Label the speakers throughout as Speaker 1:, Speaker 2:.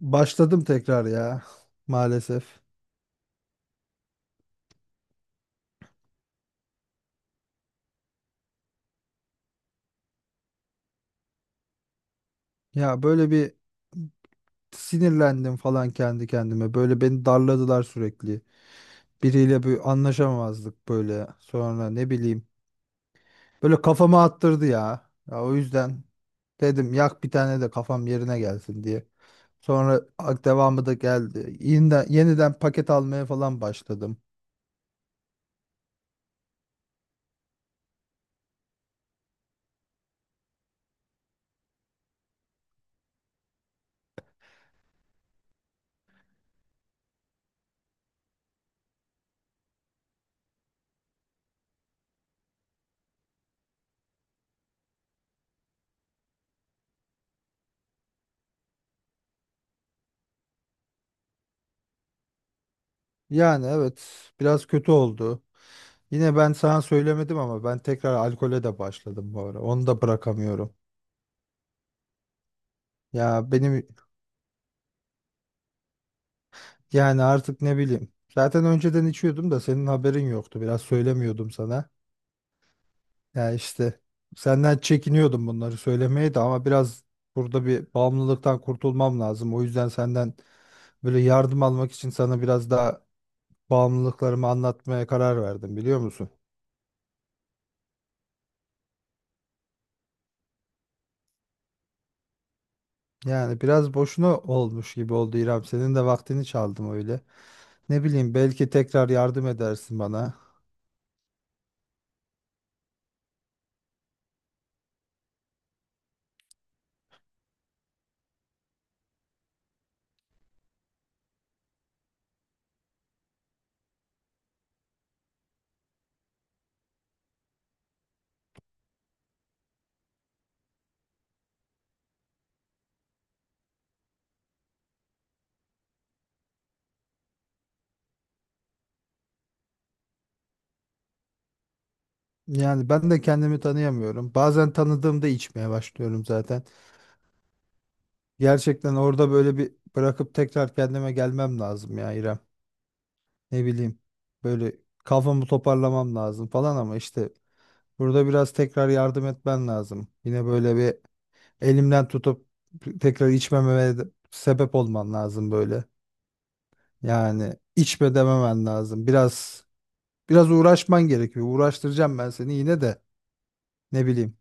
Speaker 1: Başladım tekrar ya maalesef. Ya böyle bir sinirlendim falan kendi kendime. Böyle beni darladılar sürekli. Biriyle bir anlaşamamazlık böyle. Sonra ne bileyim. Böyle kafama attırdı ya. Ya o yüzden dedim yak bir tane de kafam yerine gelsin diye. Sonra devamı da geldi. Yeniden paket almaya falan başladım. Yani evet biraz kötü oldu. Yine ben sana söylemedim ama ben tekrar alkole de başladım bu ara. Onu da bırakamıyorum. Ya benim yani artık ne bileyim. Zaten önceden içiyordum da senin haberin yoktu. Biraz söylemiyordum sana. Ya işte senden çekiniyordum bunları söylemeye de ama biraz burada bir bağımlılıktan kurtulmam lazım. O yüzden senden böyle yardım almak için sana biraz daha bağımlılıklarımı anlatmaya karar verdim biliyor musun? Yani biraz boşuna olmuş gibi oldu İrem. Senin de vaktini çaldım öyle. Ne bileyim belki tekrar yardım edersin bana. Yani ben de kendimi tanıyamıyorum. Bazen tanıdığımda içmeye başlıyorum zaten. Gerçekten orada böyle bir bırakıp tekrar kendime gelmem lazım ya İrem. Ne bileyim böyle kafamı toparlamam lazım falan ama işte burada biraz tekrar yardım etmen lazım. Yine böyle bir elimden tutup tekrar içmememe de sebep olman lazım böyle. Yani içme dememen lazım. Biraz uğraşman gerekiyor. Uğraştıracağım ben seni yine de ne bileyim.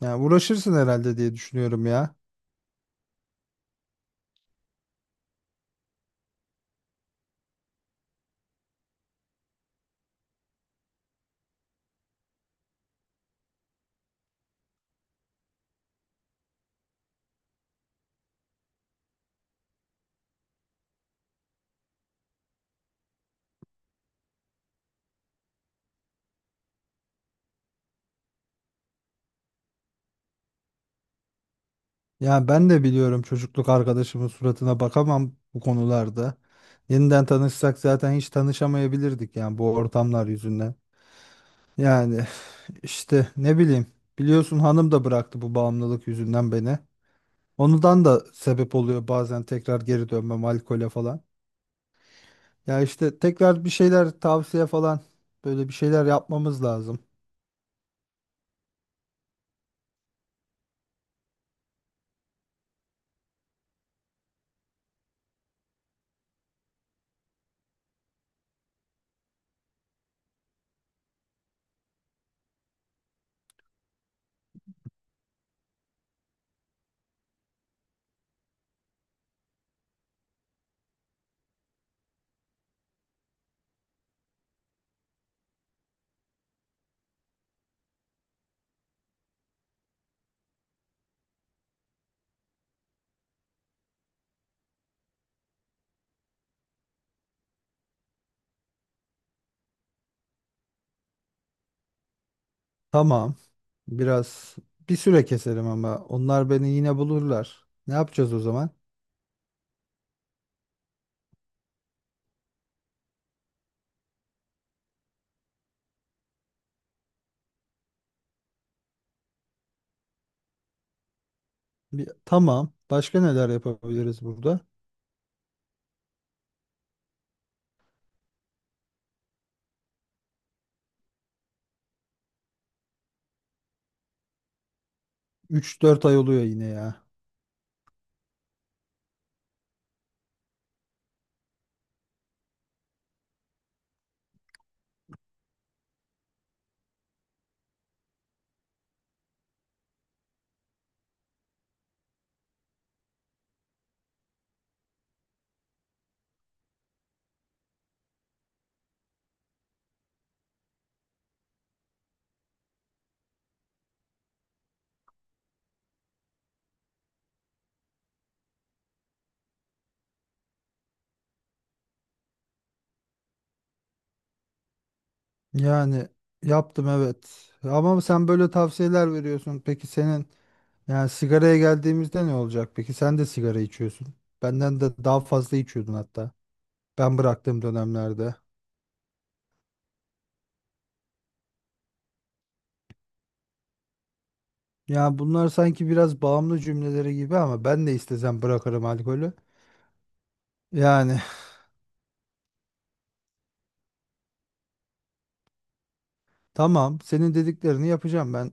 Speaker 1: Yani uğraşırsın herhalde diye düşünüyorum ya. Yani ben de biliyorum çocukluk arkadaşımın suratına bakamam bu konularda. Yeniden tanışsak zaten hiç tanışamayabilirdik yani bu ortamlar yüzünden. Yani işte ne bileyim biliyorsun hanım da bıraktı bu bağımlılık yüzünden beni. Ondan da sebep oluyor bazen tekrar geri dönmem alkole falan. Ya işte tekrar bir şeyler tavsiye falan böyle bir şeyler yapmamız lazım. Tamam, biraz bir süre keserim ama onlar beni yine bulurlar. Ne yapacağız o zaman? Bir, tamam. Başka neler yapabiliriz burada? 3 4 ay oluyor yine ya. Yani yaptım, evet. Ama sen böyle tavsiyeler veriyorsun. Peki senin yani sigaraya geldiğimizde ne olacak? Peki sen de sigara içiyorsun. Benden de daha fazla içiyordun hatta. Ben bıraktığım dönemlerde. Ya bunlar sanki biraz bağımlı cümleleri gibi ama ben de istesem bırakırım alkolü. Yani tamam, senin dediklerini yapacağım ben.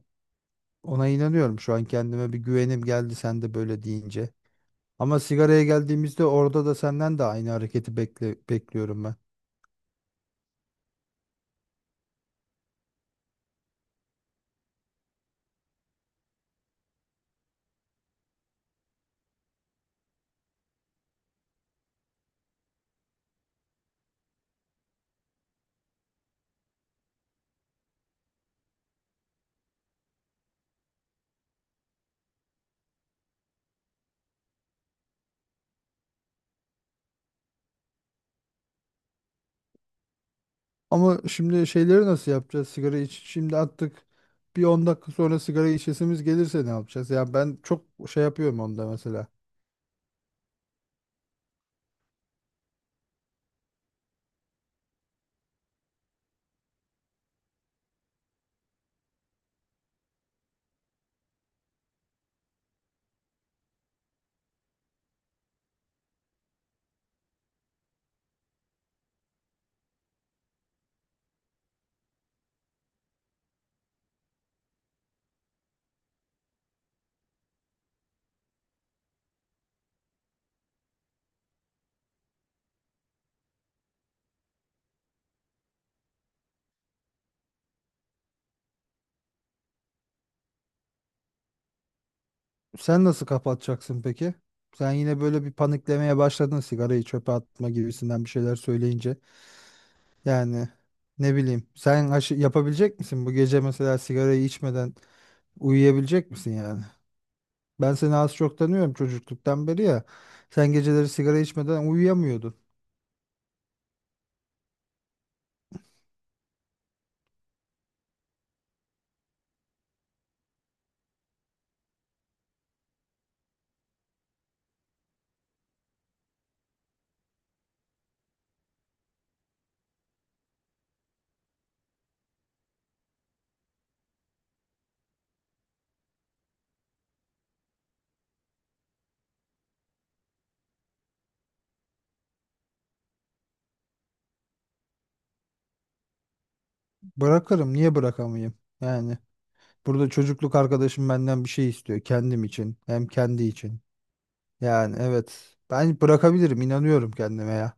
Speaker 1: Ona inanıyorum, şu an kendime bir güvenim geldi sen de böyle deyince. Ama sigaraya geldiğimizde orada da senden de aynı hareketi bekliyorum ben. Ama şimdi şeyleri nasıl yapacağız? Sigara iç, şimdi attık. Bir 10 dakika sonra sigara içesimiz gelirse ne yapacağız? Ya ben çok şey yapıyorum onda mesela. Sen nasıl kapatacaksın peki? Sen yine böyle bir paniklemeye başladın sigarayı çöpe atma gibisinden bir şeyler söyleyince. Yani ne bileyim. Sen yapabilecek misin bu gece mesela sigarayı içmeden uyuyabilecek misin yani? Ben seni az çok tanıyorum çocukluktan beri ya. Sen geceleri sigara içmeden uyuyamıyordun. Bırakırım. Niye bırakamayayım? Yani burada çocukluk arkadaşım benden bir şey istiyor. Kendim için. Hem kendi için. Yani evet. Ben bırakabilirim. İnanıyorum kendime ya.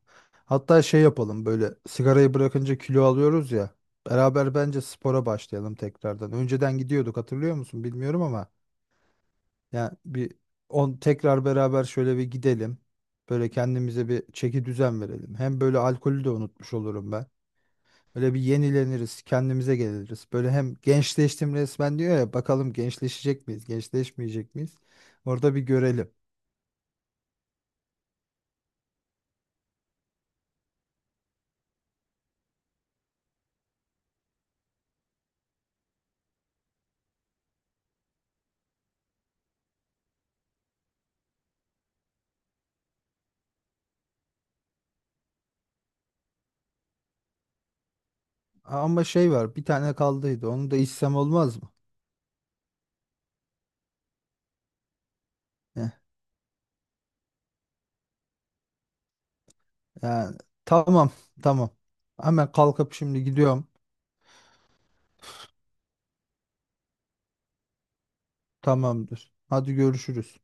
Speaker 1: Hatta şey yapalım, böyle sigarayı bırakınca kilo alıyoruz ya. Beraber bence spora başlayalım tekrardan. Önceden gidiyorduk, hatırlıyor musun bilmiyorum ama. Yani bir 10 tekrar beraber şöyle bir gidelim. Böyle kendimize bir çeki düzen verelim. Hem böyle alkolü de unutmuş olurum ben. Böyle bir yenileniriz, kendimize geliriz. Böyle hem gençleştim resmen diyor ya, bakalım gençleşecek miyiz, gençleşmeyecek miyiz? Orada bir görelim. Ama şey var, bir tane kaldıydı. Onu da içsem olmaz mı? Heh. Yani tamam, tamam. Hemen kalkıp şimdi gidiyorum. Tamamdır. Hadi görüşürüz.